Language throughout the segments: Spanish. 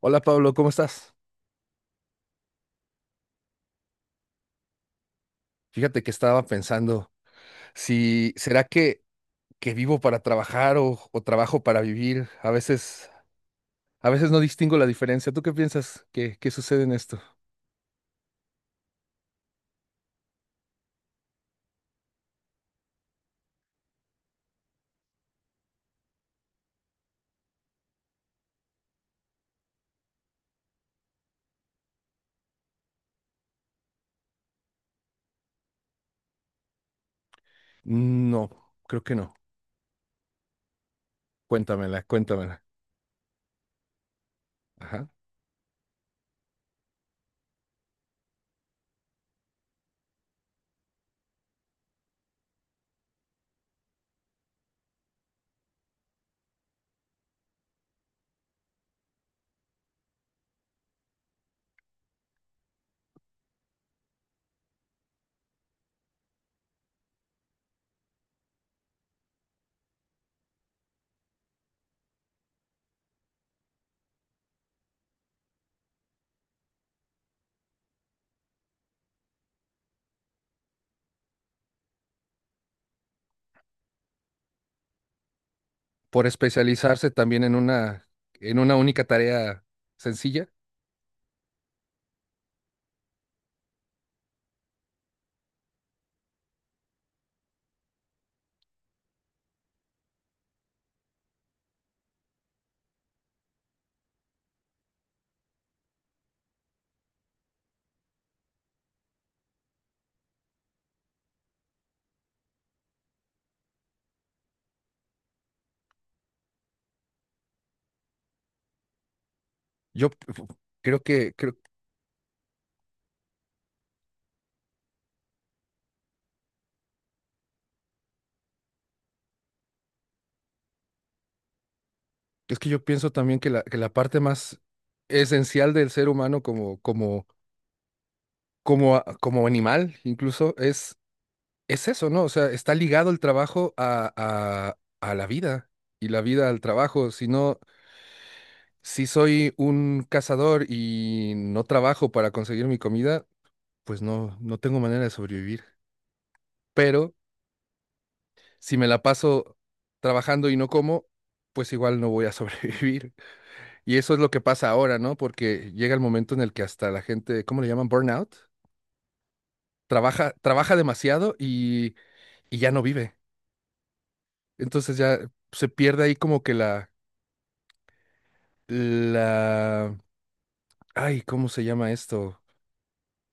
Hola Pablo, ¿cómo estás? Fíjate que estaba pensando si será que vivo para trabajar o trabajo para vivir. A veces no distingo la diferencia. ¿Tú qué piensas que sucede en esto? No, creo que no. Cuéntamela, cuéntamela. Ajá. Por especializarse también en una única tarea sencilla. Yo p- f- Creo que es que yo pienso también que la parte más esencial del ser humano como animal incluso es eso, ¿no? O sea, está ligado el trabajo a la vida y la vida al trabajo. Si no, si soy un cazador y no trabajo para conseguir mi comida, pues no tengo manera de sobrevivir. Pero si me la paso trabajando y no como, pues igual no voy a sobrevivir. Y eso es lo que pasa ahora, ¿no? Porque llega el momento en el que hasta la gente, ¿cómo le llaman? Burnout. Trabaja demasiado y ya no vive. Entonces ya se pierde ahí como que la... Ay, ¿cómo se llama esto?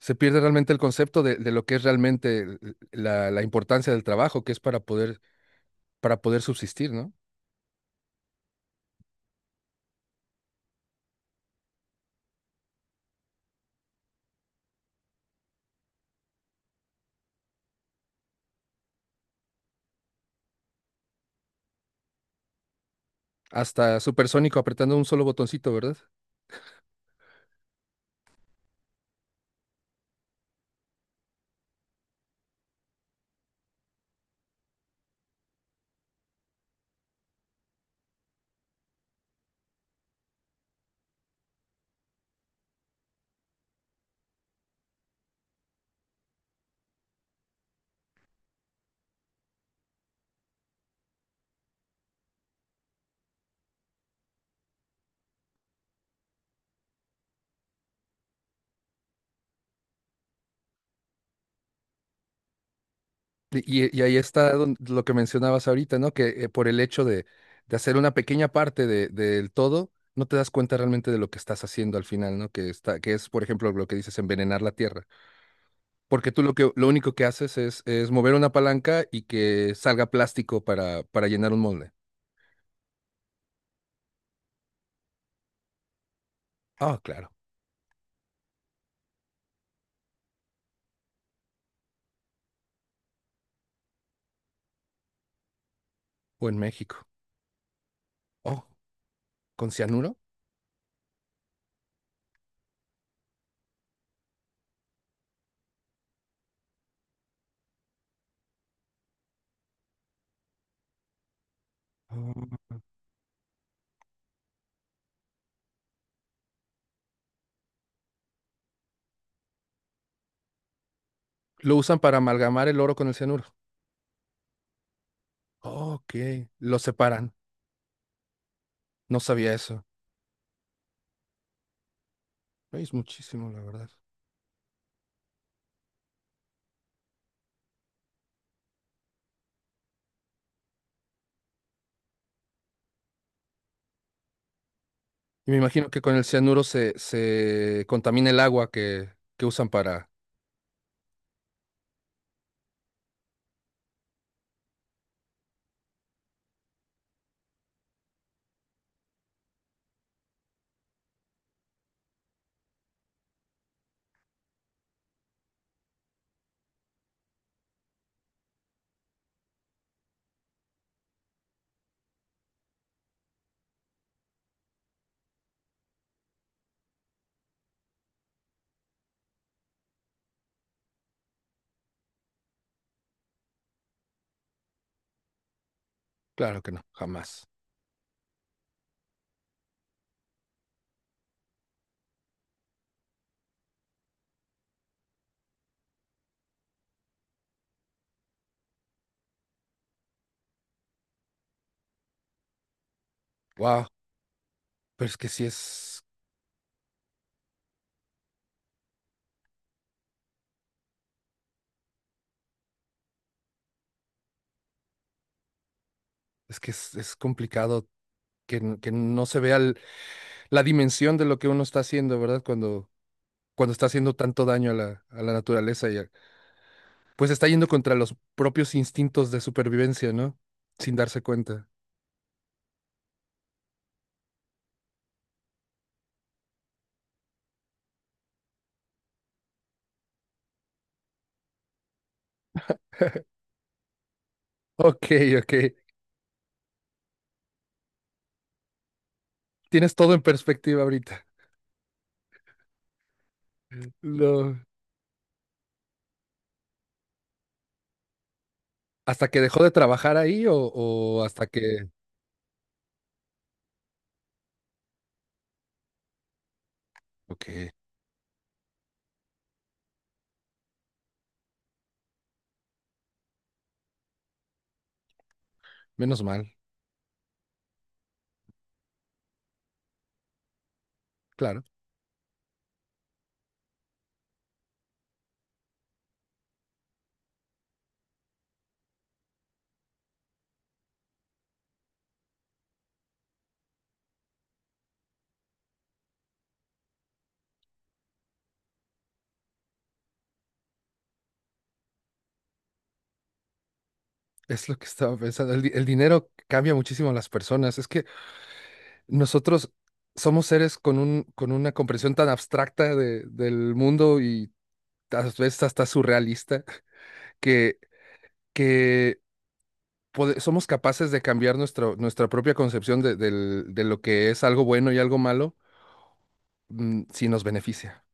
Se pierde realmente el concepto de lo que es realmente la importancia del trabajo, que es para poder subsistir, ¿no? Hasta Supersónico apretando un solo botoncito, ¿verdad? Y ahí está lo que mencionabas ahorita, ¿no? Que por el hecho de hacer una pequeña parte del todo, no te das cuenta realmente de lo que estás haciendo al final, ¿no? Que está, que es, por ejemplo, lo que dices, envenenar la tierra. Porque tú lo que, lo único que haces es mover una palanca y que salga plástico para llenar un molde. Ah, claro. O en México. Oh, ¿con cianuro? Oh. Lo usan para amalgamar el oro con el cianuro. Oh, ok. Lo separan. No sabía eso. Ay, es muchísimo, la verdad. Y me imagino que con el cianuro se contamina el agua que usan para. Claro que no, jamás. Wow. Pero es que sí es. Es que es complicado que no se vea la dimensión de lo que uno está haciendo, ¿verdad? Cuando, cuando está haciendo tanto daño a a la naturaleza pues está yendo contra los propios instintos de supervivencia, ¿no? Sin darse cuenta. Ok, ok. Tienes todo en perspectiva ahorita. Lo- ¿Hasta que dejó de trabajar ahí o hasta que... Ok, menos mal, claro. Es lo que estaba pensando. El dinero cambia muchísimo a las personas. Es que nosotros somos seres con un, con una comprensión tan abstracta del mundo y a veces hasta surrealista, que, que somos capaces de cambiar nuestro, nuestra propia concepción de lo que es algo bueno y algo malo, si nos beneficia.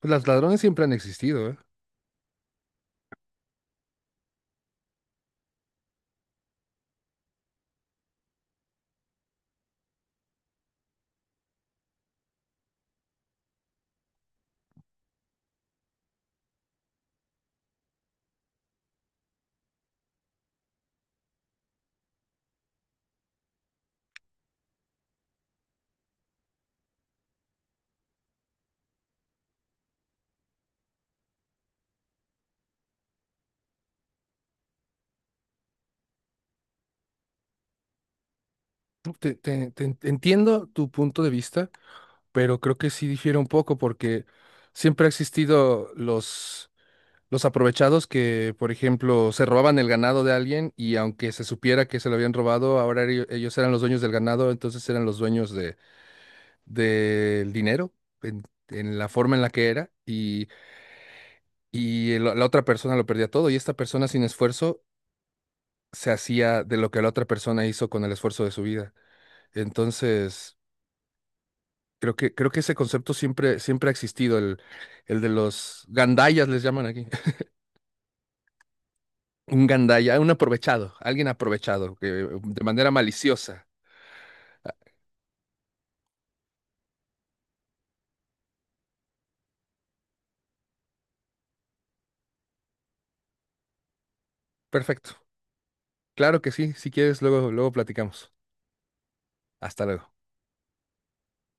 Pues los ladrones siempre han existido, ¿eh? Entiendo tu punto de vista, pero creo que sí difiere un poco porque siempre ha existido los aprovechados que, por ejemplo, se robaban el ganado de alguien y aunque se supiera que se lo habían robado, ahora ellos eran los dueños del ganado, entonces eran los dueños del dinero en la forma en la que era y la otra persona lo perdía todo y esta persona sin esfuerzo se hacía de lo que la otra persona hizo con el esfuerzo de su vida. Entonces, creo que ese concepto siempre, siempre ha existido, el de los gandayas les llaman aquí. Un gandaya, un aprovechado, alguien aprovechado, que, de manera maliciosa. Perfecto. Claro que sí, si quieres, luego, luego platicamos. Hasta luego.